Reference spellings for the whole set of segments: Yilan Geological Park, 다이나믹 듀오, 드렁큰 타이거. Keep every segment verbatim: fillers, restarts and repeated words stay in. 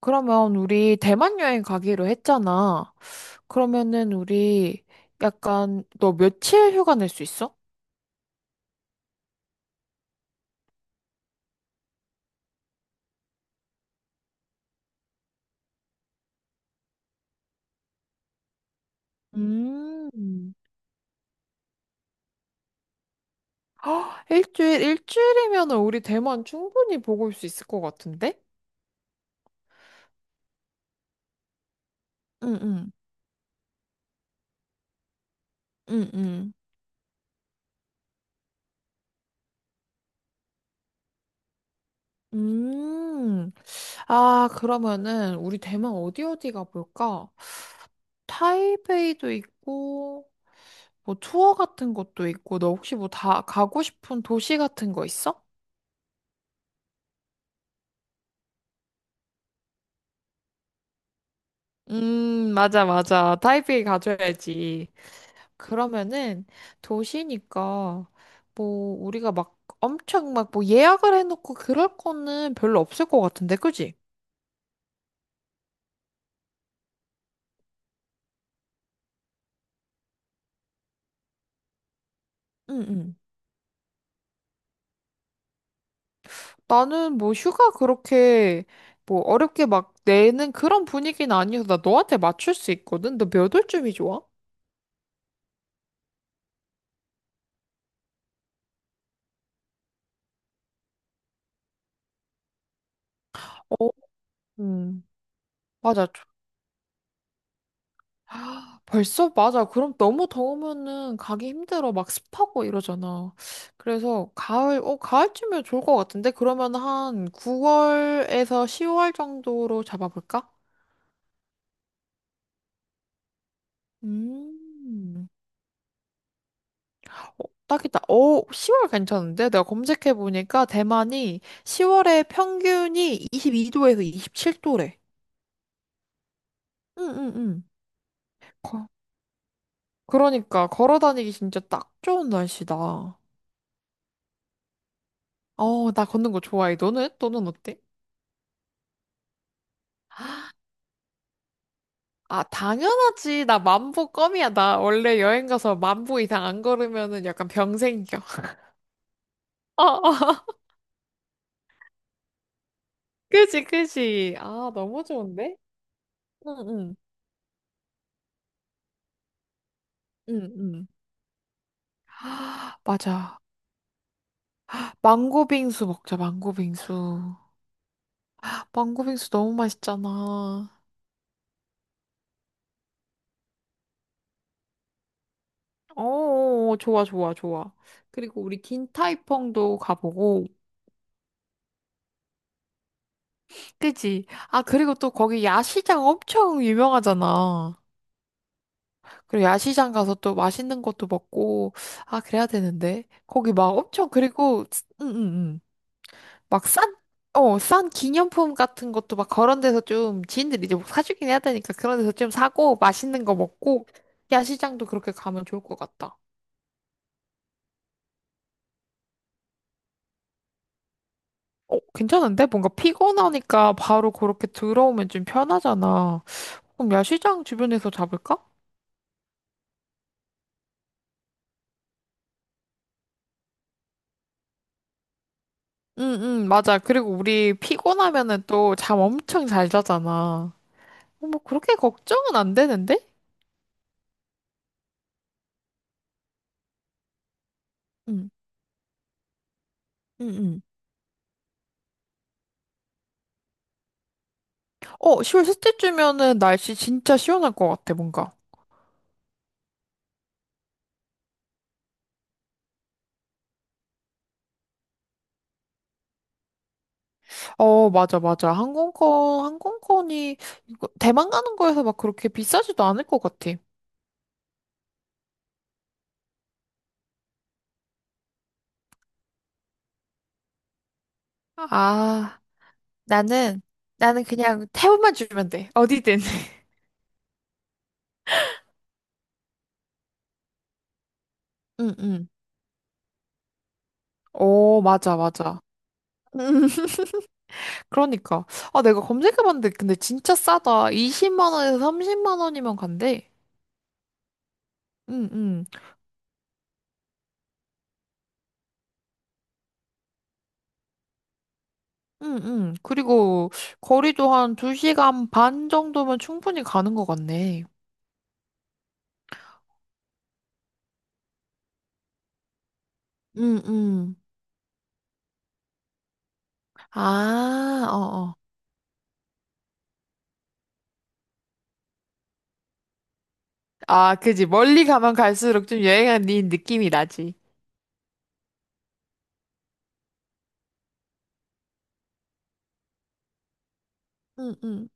그러면 우리 대만 여행 가기로 했잖아. 그러면은 우리 약간 너 며칠 휴가 낼 수 있어? 음. 헉, 일주일, 일주일이면은 우리 대만 충분히 보고 올 수 있을 것 같은데? 응, 응, 응, 응. 음. 아, 그러면은 우리 대만 어디 어디 가볼까? 타이베이도 있고, 뭐 투어 같은 것도 있고, 너 혹시 뭐 다 가고 싶은 도시 같은 거 있어? 음, 맞아, 맞아. 타이페이 가줘야지. 그러면은 도시니까 뭐 우리가 막 엄청 막 뭐 예약을 해놓고 그럴 거는 별로 없을 것 같은데, 그지? 응, 응. 나는 뭐 휴가 그렇게 뭐 어렵게 막 내는 그런 분위기는 아니어서 나 너한테 맞출 수 있거든. 너 몇 월쯤이 좋아? 어, 음. 맞아. 아, 벌써? 맞아. 그럼 너무 더우면은 가기 힘들어. 막 습하고 이러잖아. 그래서 가을, 어, 가을쯤이면 좋을 것 같은데? 그러면 한 구월에서 시월 정도로 잡아볼까? 음, 어, 딱이다. 오 시월 괜찮은데? 내가 검색해보니까 대만이 시월에 평균이 이십이 도에서 이십칠 도래. 응, 응, 응. 거- 그러니까 걸어 다니기 진짜 딱 좋은 날씨다. 어, 나 걷는 거 좋아해. 너는? 너는 어때? 아, 당연하지. 나 만 보 껌이야. 나 원래 여행 가서 만 보 이상 안 걸으면은 약간 병 생겨. 어, 어. 그지, 그지. 아, 너무 좋은데? 응, 응, 응, 응. 아, 맞아. 망고 빙수 먹자, 망고 빙수. 망고 빙수 너무 맛있잖아. 오, 좋아, 좋아, 좋아. 그리고 우리 긴타이펑도 가보고. 그지? 아, 그리고 또 거기 야시장 엄청 유명하잖아. 그리고 야시장 가서 또 맛있는 것도 먹고, 아, 그래야 되는데. 거기 막 엄청, 그리고, 응, 응, 응. 막 싼, 어, 싼 기념품 같은 것도 막 그런 데서 좀, 지인들이 이제 뭐 사주긴 해야 되니까 그런 데서 좀 사고, 맛있는 거 먹고, 야시장도 그렇게 가면 좋을 것 같다. 어, 괜찮은데? 뭔가 피곤하니까 바로 그렇게 들어오면 좀 편하잖아. 그럼 야시장 주변에서 잡을까? 응, 응, 맞아. 그리고 우리 피곤하면은 또 잠 엄청 잘 자잖아. 어, 뭐 그렇게 걱정은 안 되는데? 응, 응, 응. 어, 시월 셋째 주면은 날씨 진짜 시원할 것 같아, 뭔가. 어, 맞아, 맞아. 항공권, 항공권이, 이거 대만 가는 거에서 막 그렇게 비싸지도 않을 것 같아. 아, 나는, 나는 그냥 태움만 주면 돼. 어디든. 응, 응. 어, 맞아, 맞아. 음. 그러니까. 아, 내가 검색해봤는데, 근데 진짜 싸다. 이십만 원에서 삼십만 원이면 간대. 응, 응. 응응. 그리고 거리도 한 두 시간 반 정도면 충분히 가는 것 같네. 응, 응. 아, 어어. 아, 그지. 멀리 가면 갈수록 좀 여행한 니 느낌이 나지. 응, 응.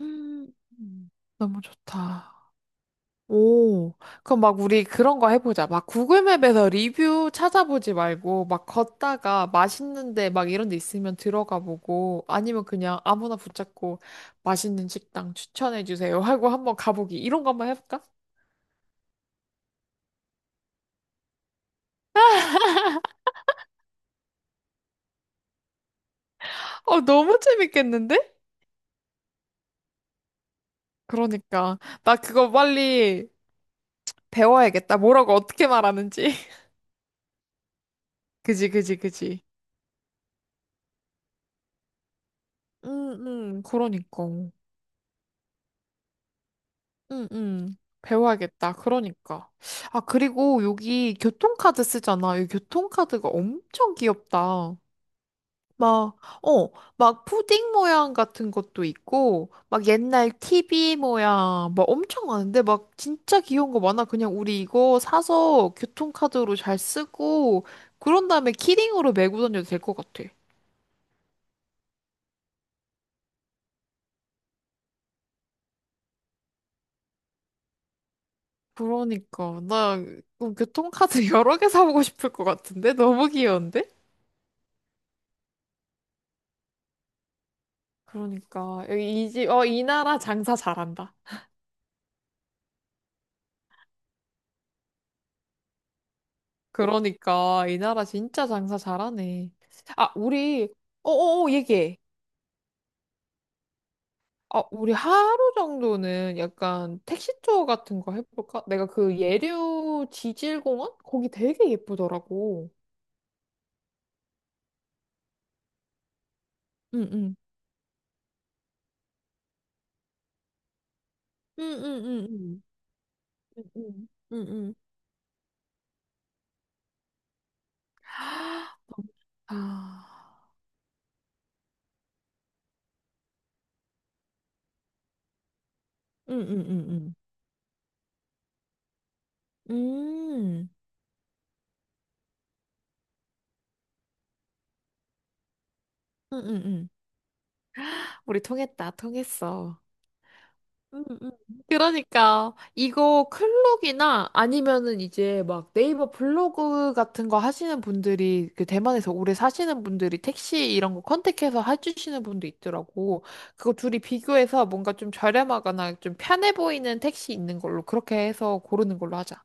음, 너무 좋다. 오, 그럼 막 우리 그런 거 해보자. 막 구글맵에서 리뷰 찾아보지 말고, 막 걷다가 맛있는데 막 이런 데 있으면 들어가 보고, 아니면 그냥 아무나 붙잡고 맛있는 식당 추천해주세요 하고 한번 가보기. 이런 거 한번 해볼까? 어, 너무 재밌겠는데? 그러니까. 나 그거 빨리 배워야겠다. 뭐라고 어떻게 말하는지. 그지, 그지, 그지. 응응. 그러니까. 응, 응. 배워야겠다. 그러니까. 아, 그리고 여기 교통카드 쓰잖아. 이 교통카드가 엄청 귀엽다. 막, 어, 막 푸딩 모양 같은 것도 있고, 막 옛날 티비 모양, 막 엄청 많은데, 막 진짜 귀여운 거 많아. 그냥 우리 이거 사서 교통카드로 잘 쓰고, 그런 다음에 키링으로 메고 다녀도 될 것 같아. 그러니까. 나 어, 교통카드 여러 개 사보고 싶을 것 같은데? 너무 귀여운데? 그러니까 여기 이 집, 어, 이 나라 장사 잘한다. 그러니까 이 나라 진짜 장사 잘하네. 아, 우리 어어어 얘기해. 아, 우리 하루 정도는 약간 택시 투어 같은 거 해볼까? 내가 그 예류 지질공원 거기 되게 예쁘더라고. 응응. 응응응응. 응 응응. 아, 응응응응. 음, 응응응. 우리 통했다, 통했어. 음, 음. 그러니까 이거 클록이나 아니면은 이제 막 네이버 블로그 같은 거 하시는 분들이 그 대만에서 오래 사시는 분들이 택시 이런 거 컨택해서 해주시는 분도 있더라고. 그거 둘이 비교해서 뭔가 좀 저렴하거나 좀 편해 보이는 택시 있는 걸로 그렇게 해서 고르는 걸로 하자.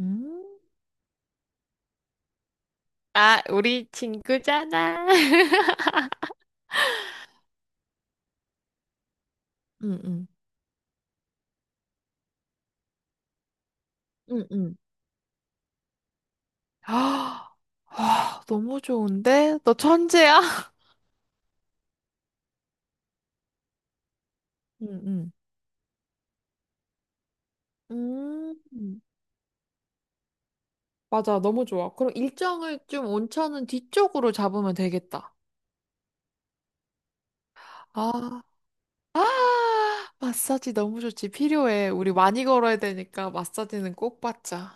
음, 아, 우리 친구잖아. 응응 응응 아, 와, 너무 좋은데? 너 천재야? 응응 음. 맞아, 너무 좋아. 그럼 일정을 좀 온천은 뒤쪽으로 잡으면 되겠다. 아, 아, 마사지 너무 좋지. 필요해. 우리 많이 걸어야 되니까 마사지는 꼭 받자.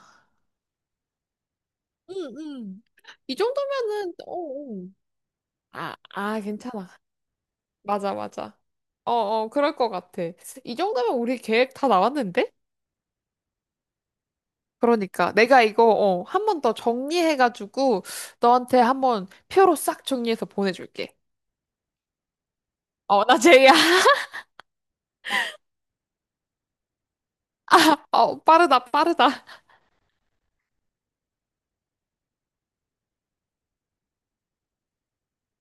응, 응. 이 정도면은, 어, 어. 아, 아, 괜찮아. 맞아, 맞아. 어, 어, 그럴 것 같아. 이 정도면 우리 계획 다 나왔는데? 그러니까 내가 이거 어, 한 번 더 정리해가지고 너한테 한번 표로 싹 정리해서 보내줄게. 어, 나 제이야. 어, 빠르다, 빠르다.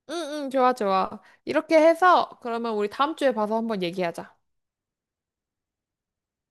응, 응, 좋아, 좋아. 이렇게 해서 그러면 우리 다음 주에 봐서 한번 얘기하자.